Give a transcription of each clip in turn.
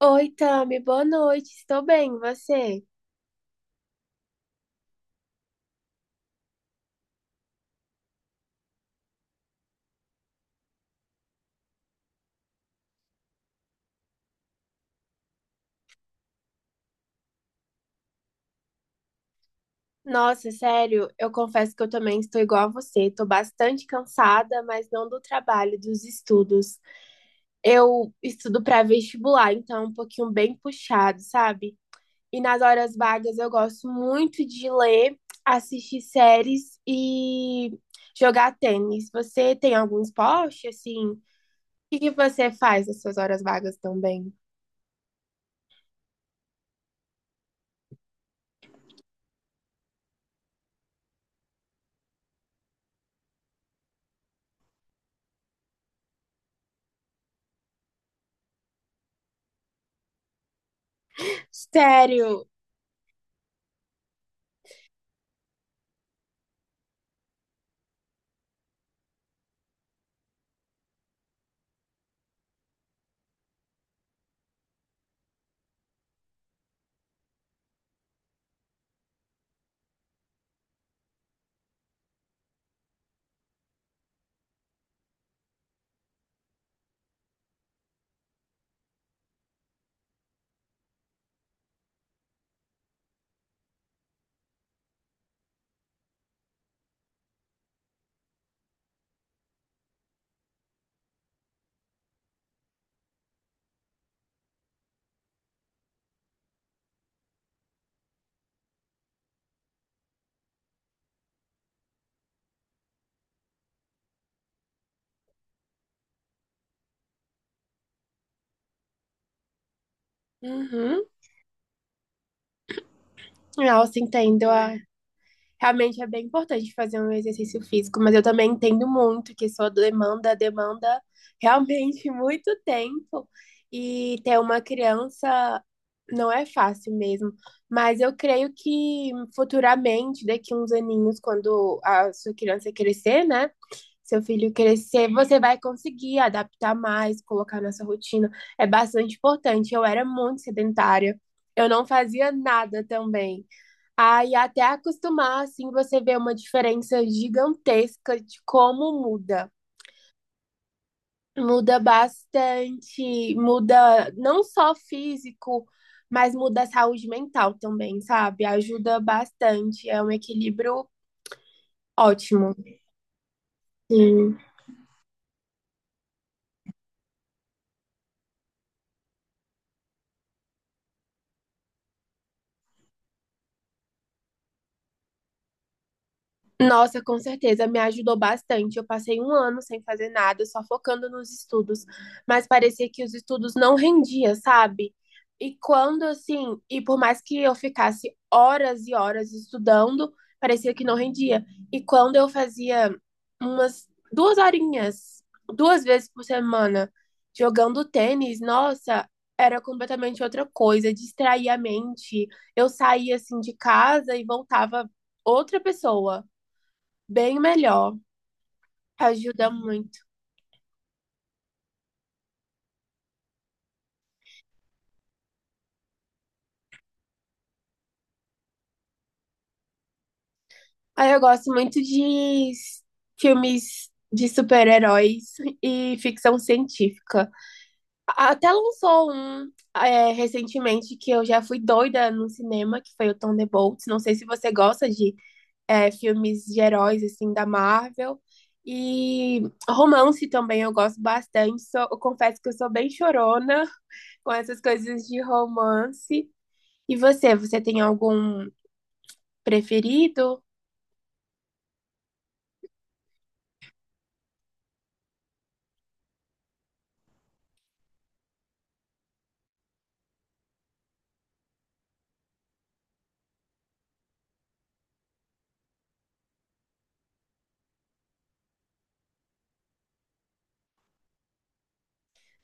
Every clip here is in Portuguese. Oi, Tami, boa noite. Estou bem, e você? Nossa, sério, eu confesso que eu também estou igual a você. Estou bastante cansada, mas não do trabalho, dos estudos. Eu estudo para vestibular, então é um pouquinho bem puxado, sabe? E nas horas vagas eu gosto muito de ler, assistir séries e jogar tênis. Você tem algum esporte, assim? O que que você faz nas suas horas vagas também? Sério? Uhum. Nossa, entendo. Ah. Realmente é bem importante fazer um exercício físico, mas eu também entendo muito que sua demanda demanda realmente muito tempo e ter uma criança não é fácil mesmo. Mas eu creio que futuramente, daqui uns aninhos, quando a sua criança crescer, né? Seu filho crescer, você vai conseguir adaptar mais, colocar na sua rotina. É bastante importante. Eu era muito sedentária, eu não fazia nada também. Aí até acostumar, assim, você vê uma diferença gigantesca de como muda. Muda bastante, muda não só físico, mas muda a saúde mental também, sabe? Ajuda bastante, é um equilíbrio ótimo. Sim. Nossa, com certeza, me ajudou bastante. Eu passei um ano sem fazer nada, só focando nos estudos, mas parecia que os estudos não rendiam, sabe? E quando assim, e por mais que eu ficasse horas e horas estudando, parecia que não rendia. E quando eu fazia umas duas horinhas, duas vezes por semana, jogando tênis, nossa, era completamente outra coisa, distraía a mente. Eu saía assim de casa e voltava outra pessoa bem melhor. Ajuda muito. Aí eu gosto muito de filmes de super-heróis e ficção científica. Até lançou um recentemente que eu já fui doida no cinema, que foi o Thunderbolts. Não sei se você gosta de filmes de heróis, assim, da Marvel. E romance também eu gosto bastante. Eu confesso que eu sou bem chorona com essas coisas de romance. E você, você tem algum preferido?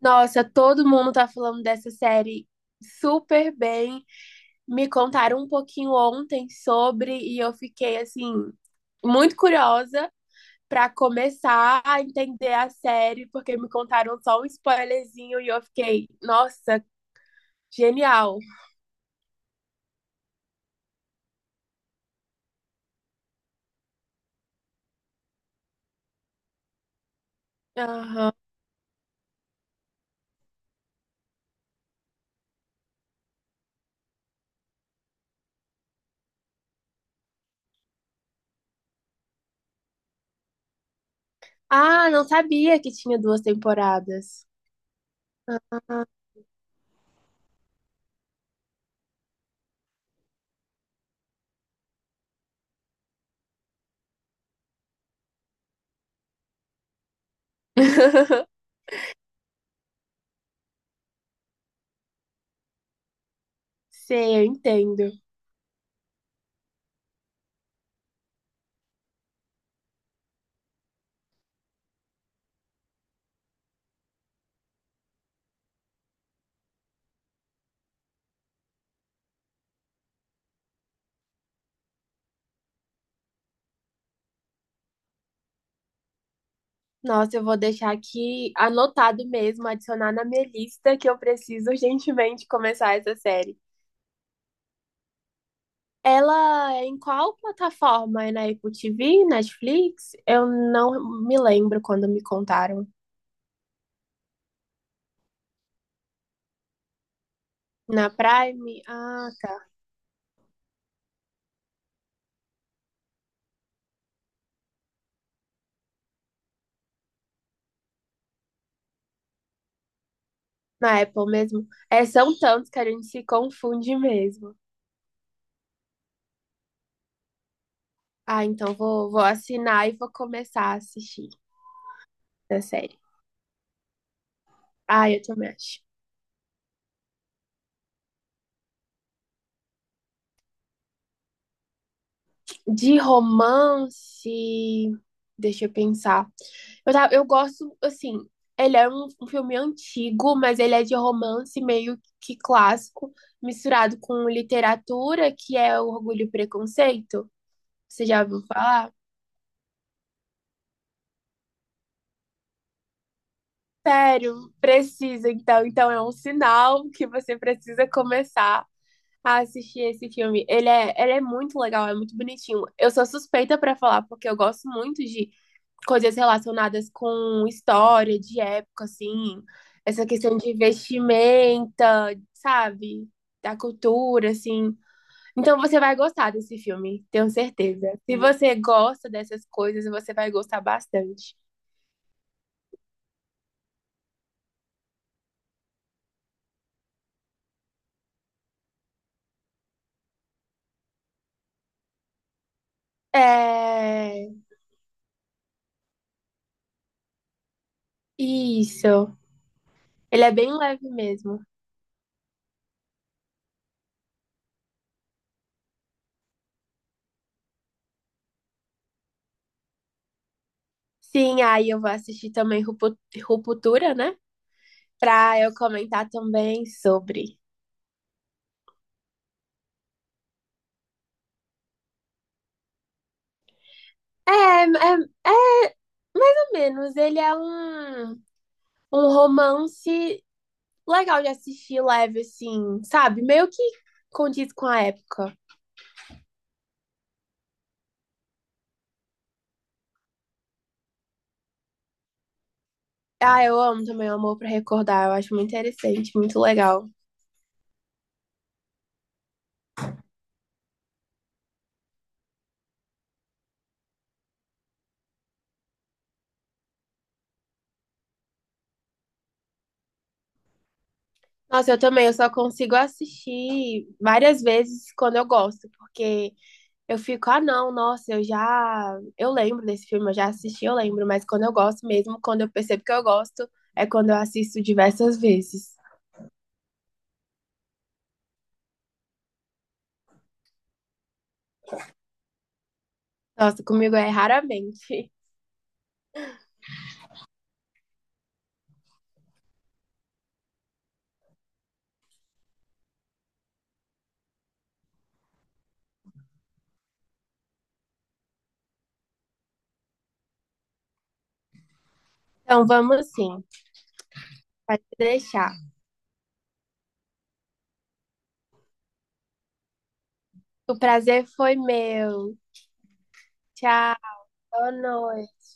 Nossa, todo mundo tá falando dessa série super bem. Me contaram um pouquinho ontem sobre e eu fiquei assim muito curiosa pra começar a entender a série, porque me contaram só um spoilerzinho e eu fiquei, nossa, genial. Aham. Ah, não sabia que tinha duas temporadas. Ah. Sei, eu entendo. Nossa, eu vou deixar aqui anotado mesmo, adicionar na minha lista que eu preciso urgentemente começar essa série. Ela é em qual plataforma? É na Apple TV, Netflix? Eu não me lembro quando me contaram. Na Prime? Ah, tá. Na Apple mesmo. É, são tantos que a gente se confunde mesmo. Ah, então vou assinar e vou começar a assistir essa série. Ah, eu também acho. De romance, deixa eu pensar. Eu gosto, assim, ele é um filme antigo, mas ele é de romance meio que clássico, misturado com literatura, que é o Orgulho e Preconceito. Você já ouviu falar? Sério, precisa, então. Então é um sinal que você precisa começar a assistir esse filme. Ele é muito legal, é muito bonitinho. Eu sou suspeita pra falar, porque eu gosto muito de coisas relacionadas com história de época, assim, essa questão de vestimenta, sabe? Da cultura, assim. Então você vai gostar desse filme, tenho certeza. Se você gosta dessas coisas, você vai gostar bastante. É. Isso. Ele é bem leve mesmo. Sim, aí eu vou assistir também Ruptura, né? Pra eu comentar também sobre. É, é, é menos. Ele é um romance legal de assistir, leve, assim, sabe? Meio que condiz com a época. Ah, eu amo também o Amor pra Recordar, eu acho muito interessante, muito legal. Nossa, eu também, eu só consigo assistir várias vezes quando eu gosto, porque eu fico, ah, não, nossa, eu já. Eu lembro desse filme, eu já assisti, eu lembro, mas quando eu gosto mesmo, quando eu percebo que eu gosto, é quando eu assisto diversas vezes. Nossa, comigo é raramente. Então vamos sim, pode deixar. O prazer foi meu. Tchau, boa noite.